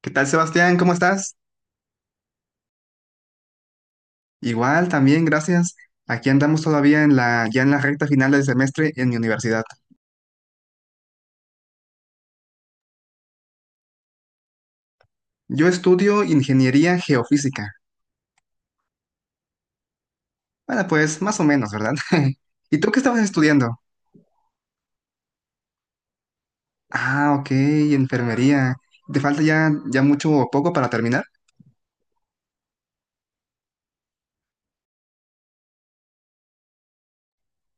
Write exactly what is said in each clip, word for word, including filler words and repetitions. ¿Qué tal, Sebastián? ¿Cómo estás? Igual, también, gracias. Aquí andamos todavía en la, ya en la recta final del semestre en mi universidad. Yo estudio ingeniería geofísica. Bueno, pues más o menos, ¿verdad? ¿Y tú qué estabas estudiando? Ah, ok, enfermería. ¿Te falta ya, ya mucho o poco para terminar?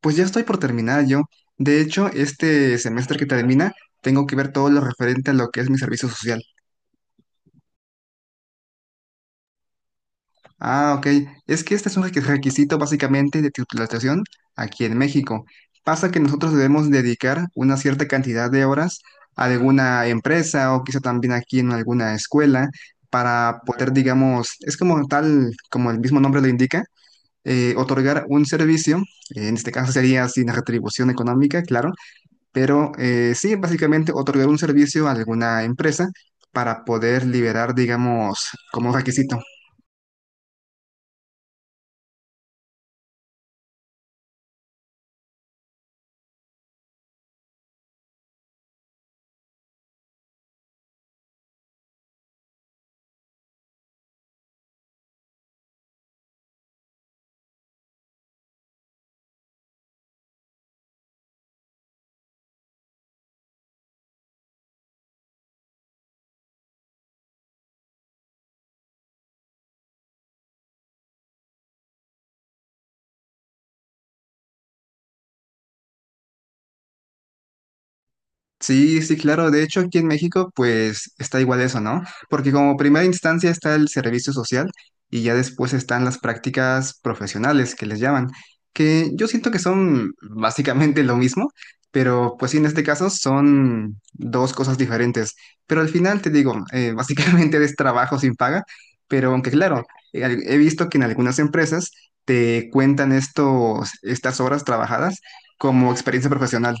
Pues ya estoy por terminar yo. De hecho, este semestre que termina, tengo que ver todo lo referente a lo que es mi servicio social. Ah, ok. Es que este es un requ- requisito básicamente de titulación aquí en México. Pasa que nosotros debemos dedicar una cierta cantidad de horas a alguna empresa o quizá también aquí en alguna escuela para poder, digamos, es como tal, como el mismo nombre lo indica, eh, otorgar un servicio. En este caso sería sin retribución económica, claro, pero eh, sí, básicamente otorgar un servicio a alguna empresa para poder liberar, digamos, como requisito. Sí, sí, claro. De hecho, aquí en México, pues está igual eso, ¿no? Porque como primera instancia está el servicio social y ya después están las prácticas profesionales que les llaman, que yo siento que son básicamente lo mismo, pero pues sí, en este caso son dos cosas diferentes. Pero al final te digo, eh, básicamente es trabajo sin paga, pero aunque claro, eh, he visto que en algunas empresas te cuentan estos, estas horas trabajadas como experiencia profesional.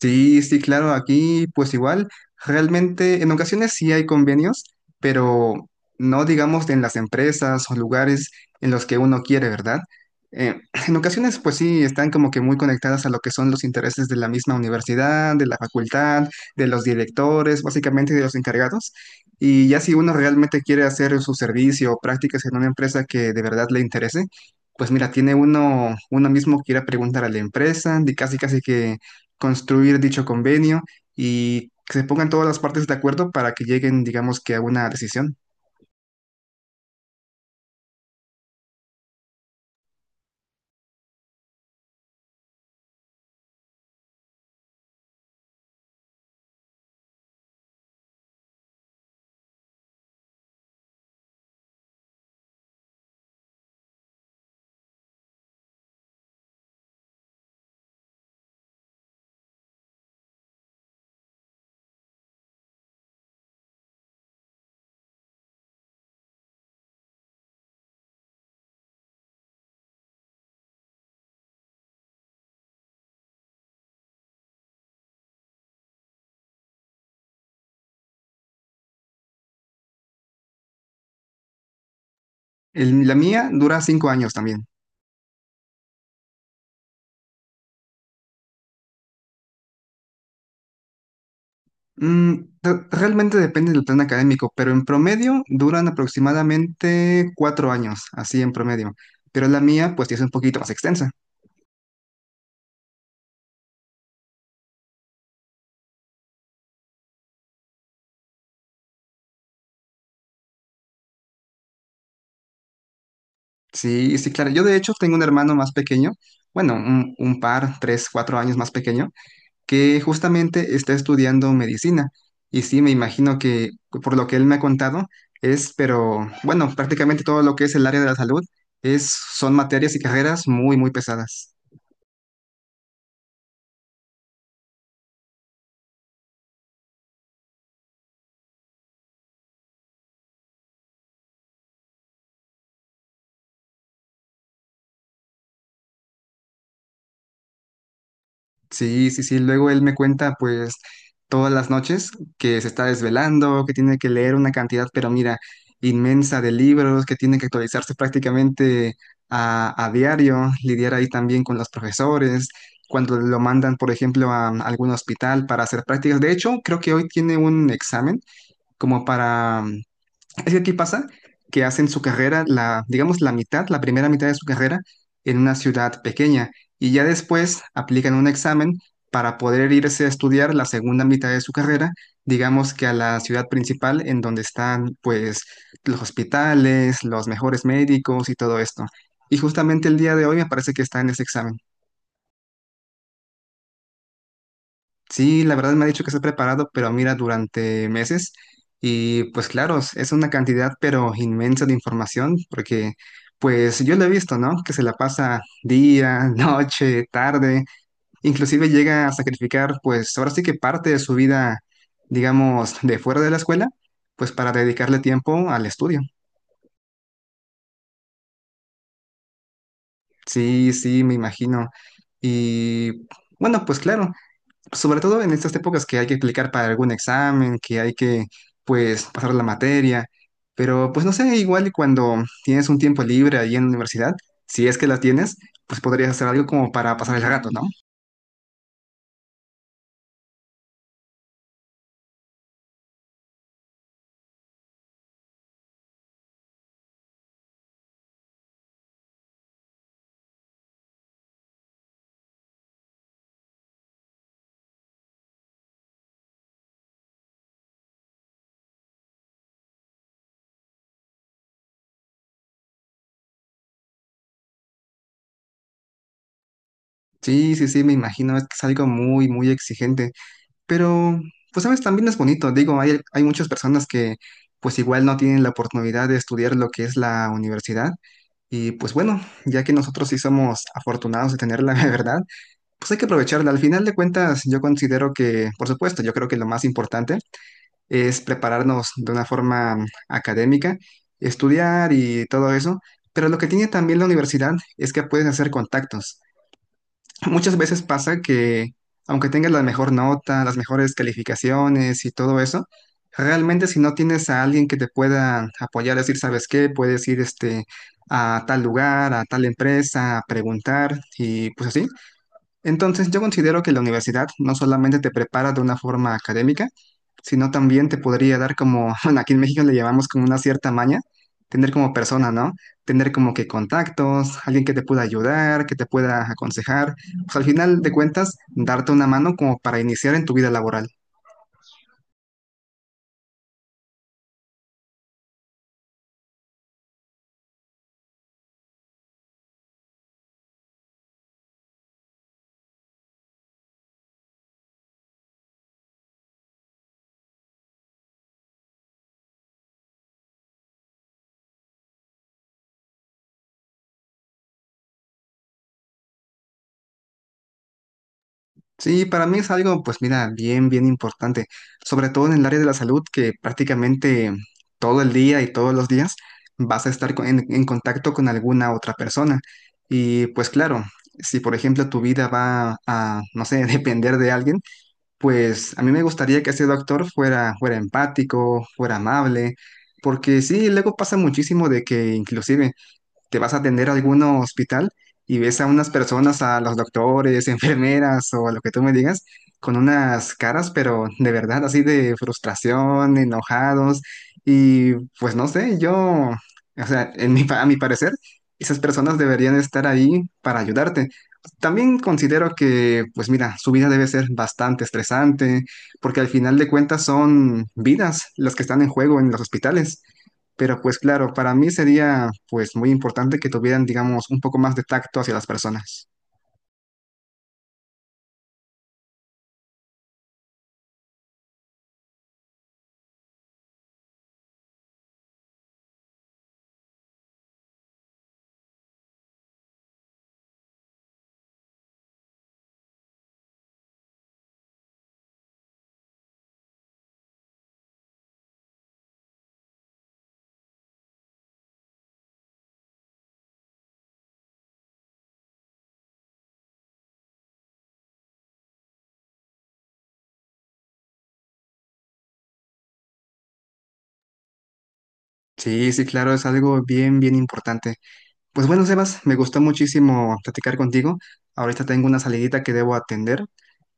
Sí, sí, claro, aquí pues igual, realmente en ocasiones sí hay convenios, pero no digamos en las empresas o lugares en los que uno quiere, ¿verdad? Eh, en ocasiones pues sí están como que muy conectadas a lo que son los intereses de la misma universidad, de la facultad, de los directores, básicamente de los encargados. Y ya si uno realmente quiere hacer su servicio o prácticas en una empresa que de verdad le interese, pues mira, tiene uno, uno mismo que ir a preguntar a la empresa, y casi casi que construir dicho convenio y que se pongan todas las partes de acuerdo para que lleguen, digamos que a una decisión. El- la mía dura cinco años también. Mm, re- realmente depende del plan académico, pero en promedio duran aproximadamente cuatro años, así en promedio. Pero la mía, pues, sí es un poquito más extensa. Sí, sí, claro. Yo de hecho tengo un hermano más pequeño, bueno, un, un par, tres, cuatro años más pequeño, que justamente está estudiando medicina. Y sí, me imagino que por lo que él me ha contado, es, pero bueno, prácticamente todo lo que es el área de la salud es, son materias y carreras muy, muy pesadas. Sí, sí, sí. Luego él me cuenta, pues, todas las noches que se está desvelando, que tiene que leer una cantidad, pero mira, inmensa de libros, que tiene que actualizarse prácticamente a, a diario, lidiar ahí también con los profesores, cuando lo mandan, por ejemplo, a, algún hospital para hacer prácticas. De hecho, creo que hoy tiene un examen como para, es que aquí pasa que hacen su carrera, la, digamos, la mitad, la primera mitad de su carrera en una ciudad pequeña y ya después aplican un examen para poder irse a estudiar la segunda mitad de su carrera, digamos que a la ciudad principal en donde están pues los hospitales, los mejores médicos y todo esto. Y justamente el día de hoy me parece que está en ese examen. Sí, la verdad me ha dicho que está preparado, pero mira, durante meses. Y pues claro, es una cantidad pero inmensa de información, porque pues yo lo he visto, ¿no? Que se la pasa día, noche, tarde, inclusive llega a sacrificar pues ahora sí que parte de su vida, digamos, de fuera de la escuela, pues para dedicarle tiempo al estudio. Sí, sí, me imagino. Y bueno, pues claro, sobre todo en estas épocas que hay que aplicar para algún examen, que hay que, pues, pasar la materia, pero pues no sé, igual y cuando tienes un tiempo libre ahí en la universidad, si es que la tienes, pues podrías hacer algo como para pasar el rato, ¿no? Sí, sí, sí, me imagino, es que es algo muy, muy exigente, pero, pues, sabes, también es bonito, digo, hay, hay muchas personas que, pues, igual no tienen la oportunidad de estudiar lo que es la universidad, y pues bueno, ya que nosotros sí somos afortunados de tenerla, de verdad. Pues hay que aprovecharla. Al final de cuentas, yo considero que, por supuesto, yo creo que lo más importante es prepararnos de una forma académica, estudiar y todo eso, pero lo que tiene también la universidad es que puedes hacer contactos. Muchas veces pasa que, aunque tengas la mejor nota, las mejores calificaciones y todo eso, realmente si no tienes a alguien que te pueda apoyar, decir, ¿sabes qué? Puedes ir este, a tal lugar, a tal empresa, a preguntar y pues así. Entonces, yo considero que la universidad no solamente te prepara de una forma académica, sino también te podría dar como, bueno, aquí en México le llamamos como una cierta maña, tener como persona, ¿no? Tener como que contactos, alguien que te pueda ayudar, que te pueda aconsejar, pues al final de cuentas, darte una mano como para iniciar en tu vida laboral. Sí, para mí es algo, pues mira, bien, bien importante, sobre todo en el área de la salud, que prácticamente todo el día y todos los días vas a estar con- en, en contacto con alguna otra persona. Y pues claro, si por ejemplo tu vida va a, no sé, depender de alguien, pues a mí me gustaría que ese doctor fuera, fuera empático, fuera amable, porque sí, luego pasa muchísimo de que inclusive te vas a atender a algún hospital y ves a unas personas, a los doctores, enfermeras o lo que tú me digas, con unas caras, pero de verdad, así de frustración, enojados. Y pues no sé, yo, o sea, en mi, pa- a mi parecer, esas personas deberían estar ahí para ayudarte. También considero que, pues mira, su vida debe ser bastante estresante, porque al final de cuentas son vidas las que están en juego en los hospitales. Pero pues claro, para mí sería pues muy importante que tuvieran, digamos, un poco más de tacto hacia las personas. Sí, sí, claro, es algo bien, bien importante. Pues bueno, Sebas, me gustó muchísimo platicar contigo. Ahorita tengo una salidita que debo atender,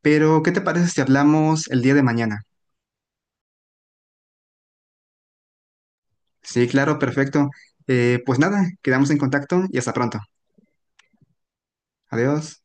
pero ¿qué te parece si hablamos el día de mañana? Sí, claro, perfecto. Eh, pues nada, quedamos en contacto y hasta pronto. Adiós.